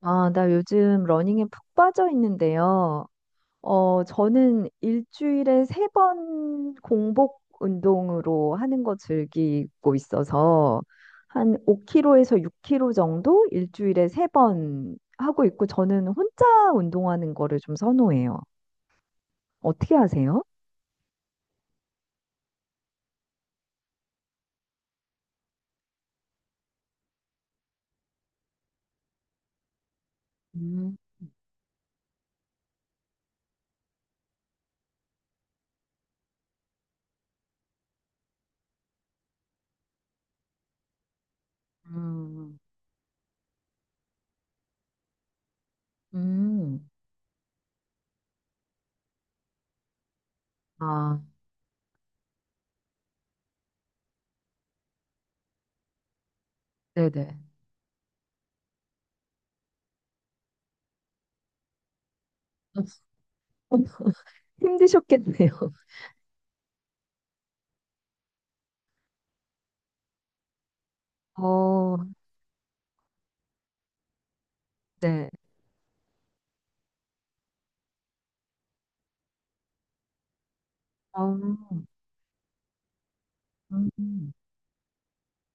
아, 나 요즘 러닝에 푹 빠져 있는데요. 저는 일주일에 세 번 공복 운동으로 하는 거 즐기고 있어서 한 5km에서 6km 정도 일주일에 세 번 하고 있고 저는 혼자 운동하는 거를 좀 선호해요. 어떻게 하세요? 음, 음, 음. 아, 네네. 힘드셨겠네요. 어, 네. 어, 음,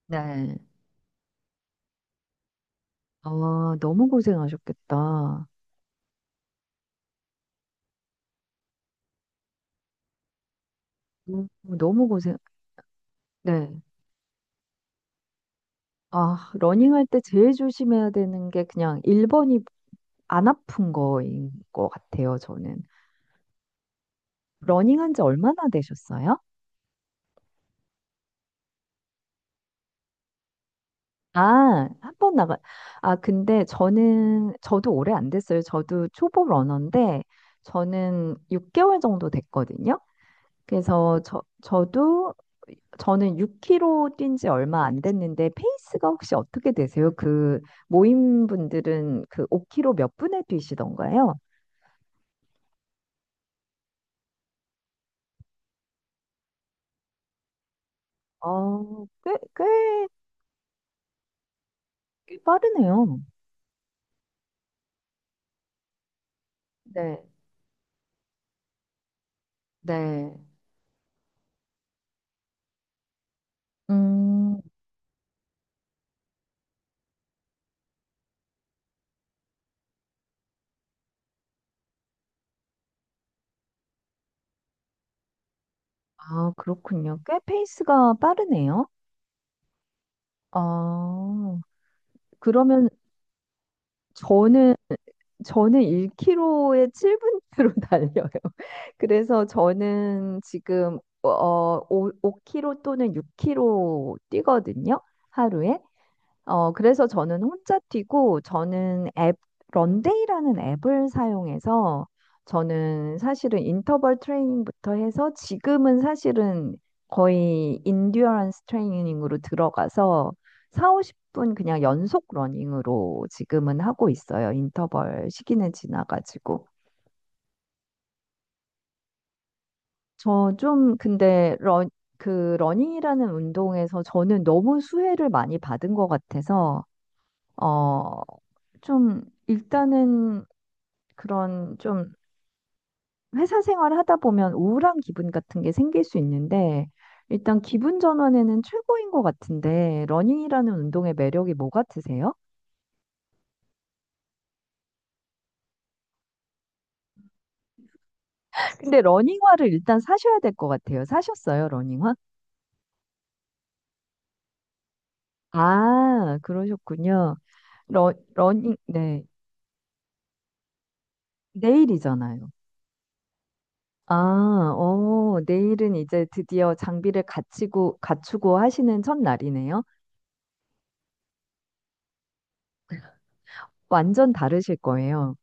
네. 아, 너무 고생하셨겠다. 음, 너무 고생, 네. 아, 러닝할 때 제일 조심해야 되는 게 그냥 1번이 안 아픈 거인 것 같아요, 저는. 러닝한 지 얼마나 되셨어요? 아, 한 번 나가, 아, 근데 저도 오래 안 됐어요. 저도 초보 러너인데, 저는 6개월 정도 됐거든요. 그래서 저, 저도 저는 6km 뛴 지 얼마 안 됐는데 페이스가 혹시 어떻게 되세요? 그 모임 분들은 그 5km 몇 분에 뛰시던가요? 어, 꽤, 꽤, 꽤 빠르네요. 네, 네. 음, 아, 그렇군요. 꽤 페이스가 빠르네요. 아, 그러면 저는 저는 1km에 7분으로 달려요. 그래서 저는 지금 5km 또는 6km 뛰거든요. 하루에. 그래서 저는 혼자 뛰고, 저는 앱, 런데이라는 앱을 사용해서, 저는 사실은 인터벌 트레이닝부터 해서, 지금은 사실은 거의 인듀어런스 트레이닝으로 들어가서, 4, 50분 그냥 연속 러닝으로 지금은 하고 있어요. 인터벌 시기는 지나가지고. 저 좀, 근데, 러 그 러닝이라는 운동에서 저는 너무 수혜를 많이 받은 것 같아서, 어, 좀, 일단은 그런 좀 회사 생활 하다 보면 우울한 기분 같은 게 생길 수 있는데, 일단 기분 전환에는 최고인 것 같은데, 러닝이라는 운동의 매력이 뭐 같으세요? 근데 러닝화를 일단 사셔야 될 것 같아요. 사셨어요, 러닝화? 아, 그러셨군요. 러닝, 네. 내일이잖아요. 아, 내일은 이제 드디어 장비를 갖추고 하시는 첫날이네요. 완전 다르실 거예요.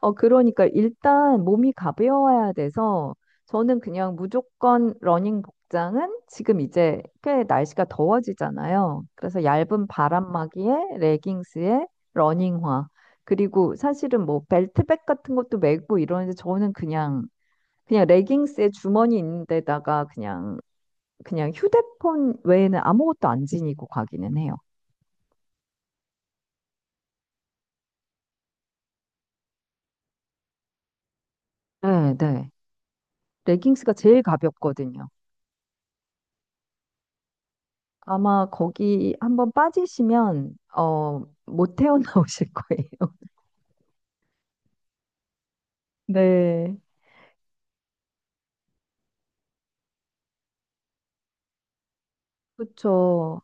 그러니까 일단 몸이 가벼워야 돼서 저는 그냥 무조건 러닝 복장은 지금 이제 꽤 날씨가 더워지잖아요. 그래서 얇은 바람막이에 레깅스에 러닝화. 그리고 사실은 뭐 벨트백 같은 것도 메고 이러는데 저는 그냥 레깅스에 주머니 있는 데다가 그냥 휴대폰 외에는 아무것도 안 지니고 가기는 해요. 네, 네. 레깅스가 제일 가볍거든요. 아마 거기 한번 빠지시면 못 헤어나오실 거예요. 네, 그렇죠.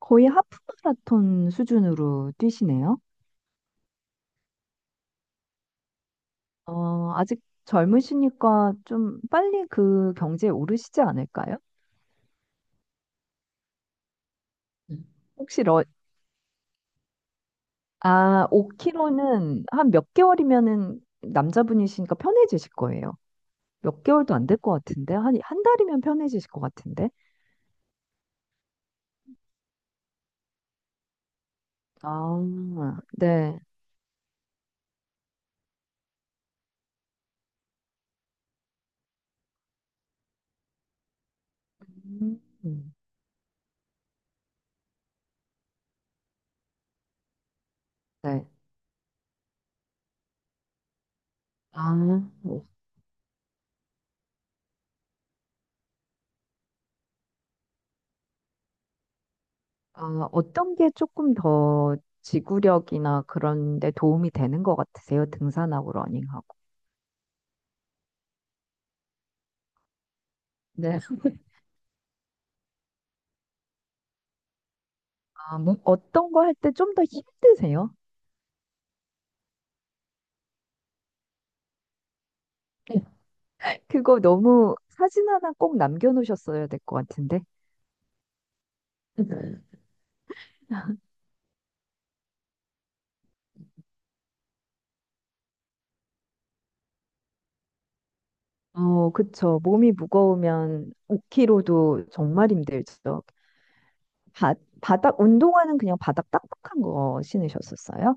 거의 하프 마라톤 수준으로 뛰시네요. 아직 젊으시니까 좀 빨리 그 경지에 오르시지 않을까요? 음. 혹시 아, 5km는 한 몇 개월이면은 남자분이시니까 편해지실 거예요. 몇 개월도 안 될 것 같은데 한, 한 달이면 편해지실 것 같은데. 아, 네. 음. 네. 아, 어. 아, 어떤 게 조금 더 지구력이나 그런 데 도움이 되는 것 같으세요? 등산하고 러닝하고. 네. 아, 뭐, 어떤 거 할 때 좀 더 힘드세요? 그거 너무 사진 하나 꼭 남겨놓으셨어야 될 것 같은데. 그쵸. 몸이 무거우면 5kg도 정말 힘들죠. 바, 바닥, 운동화는 그냥 바닥 딱딱한 거 신으셨었어요?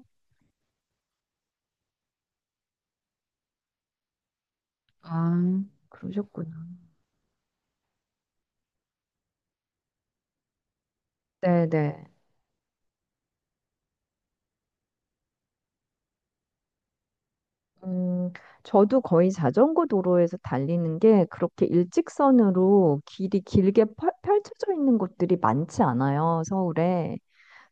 아, 그러셨구나. 네네. 음, 저도 거의 자전거 도로에서 달리는 게 그렇게 일직선으로 길이 길게 펼쳐져 있는 곳들이 많지 않아요, 서울에.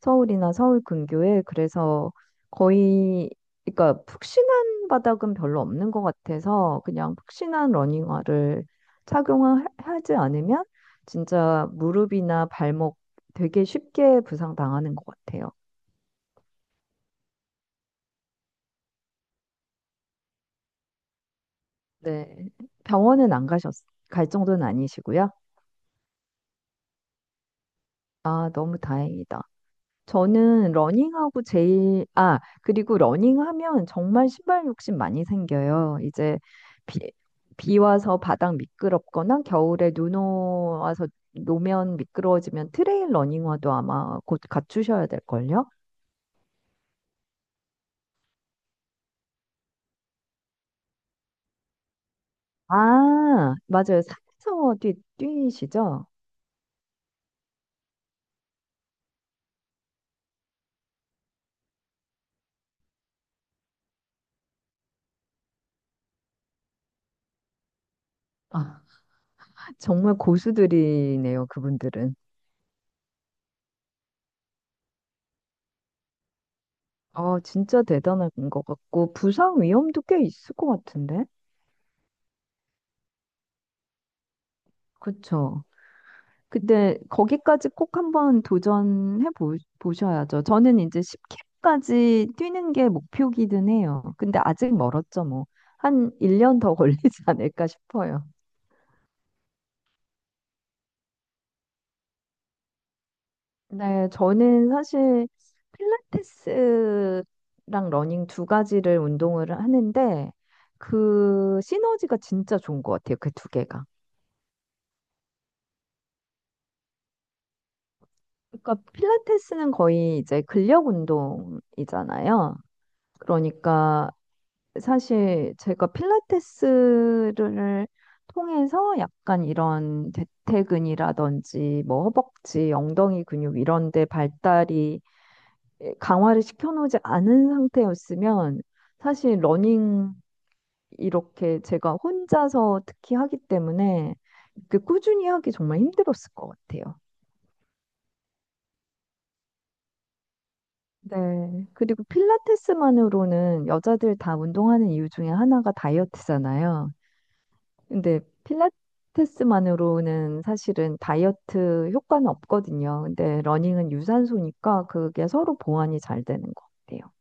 서울이나 서울 근교에. 그래서 거의, 그러니까 푹신한 바닥은 별로 없는 것 같아서 그냥 푹신한 러닝화를 착용하지 않으면 진짜 무릎이나 발목 되게 쉽게 부상당하는 것 같아요. 네. 병원은 안 가셨, 갈 정도는 아니시고요. 아, 너무 다행이다. 저는 러닝하고 제일, 아, 그리고 러닝하면 정말 신발 욕심 많이 생겨요. 이제 비, 비 와서 바닥 미끄럽거나 겨울에 눈 와서 노면 미끄러워지면 트레일 러닝화도 아마 곧 갖추셔야 될걸요? 아, 맞아요. 산에서 뛰시죠? 아, 정말 고수들이네요, 그분들은. 아, 진짜 대단한 것 같고, 부상 위험도 꽤 있을 것 같은데? 그쵸? 근데 거기까지 꼭 한번 도전해 보셔야죠. 저는 이제 10K까지 뛰는 게 목표기는 해요. 근데 아직 멀었죠, 뭐. 한 1년 더 걸리지 않을까 싶어요. 네, 저는 사실 필라테스랑 러닝 두 가지를 운동을 하는데 그 시너지가 진짜 좋은 것 같아요. 그 두 개가. 그러니까 필라테스는 거의 이제 근력 운동이잖아요. 그러니까 사실 제가 필라테스를 통해서 약간 이런 대퇴근이라든지 뭐 허벅지, 엉덩이 근육 이런 데 발달이 강화를 시켜놓지 않은 상태였으면 사실 러닝 이렇게 제가 혼자서 특히 하기 때문에 그 꾸준히 하기 정말 힘들었을 것 같아요. 네. 그리고 필라테스만으로는 여자들 다 운동하는 이유 중에 하나가 다이어트잖아요. 근데 필라테스만으로는 사실은 다이어트 효과는 없거든요. 근데 러닝은 유산소니까 그게 서로 보완이 잘 되는 것 같아요.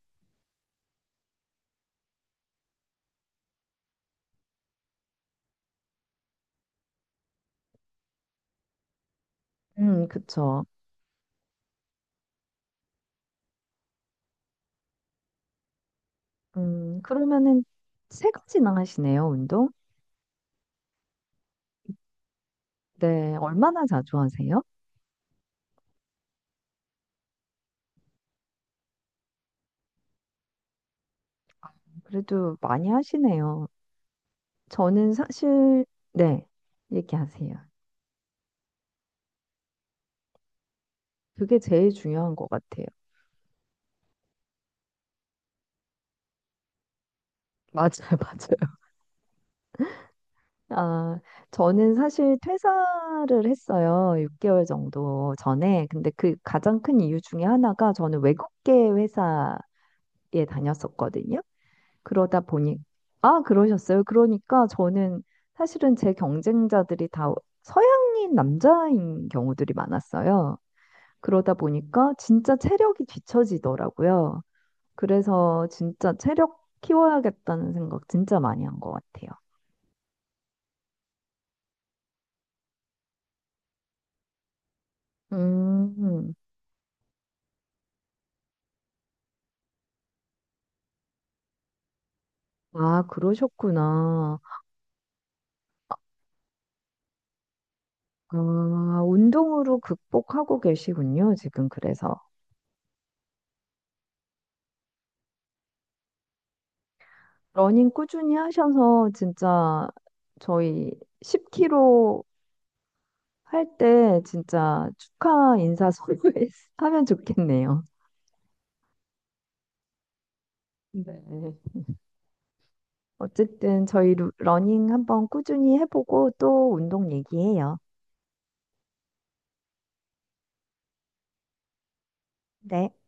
그쵸. 그러면은 세 가지나 하시네요, 운동? 네, 얼마나 자주 하세요? 그래도 많이 하시네요. 저는 사실, 네, 얘기하세요. 그게 제일 중요한 것 같아요. 맞아요, 맞아요. 아, 저는 사실 퇴사를 했어요. 6개월 정도 전에. 근데 그 가장 큰 이유 중에 하나가 저는 외국계 회사에 다녔었거든요. 그러다 보니, 아, 그러셨어요. 그러니까 저는 사실은 제 경쟁자들이 다 서양인 남자인 경우들이 많았어요. 그러다 보니까 진짜 체력이 뒤처지더라고요. 그래서 진짜 체력 키워야겠다는 생각 진짜 많이 한 것 같아요. 음. 아, 그러셨구나. 아, 운동으로 극복하고 계시군요, 지금 그래서. 러닝 꾸준히 하셔서 진짜 저희 10K 로할 때 진짜 축하 인사 서로 하면 좋겠네요. 네. 어쨌든 저희 러닝 한번 꾸준히 해보고 또 운동 얘기해요. 네.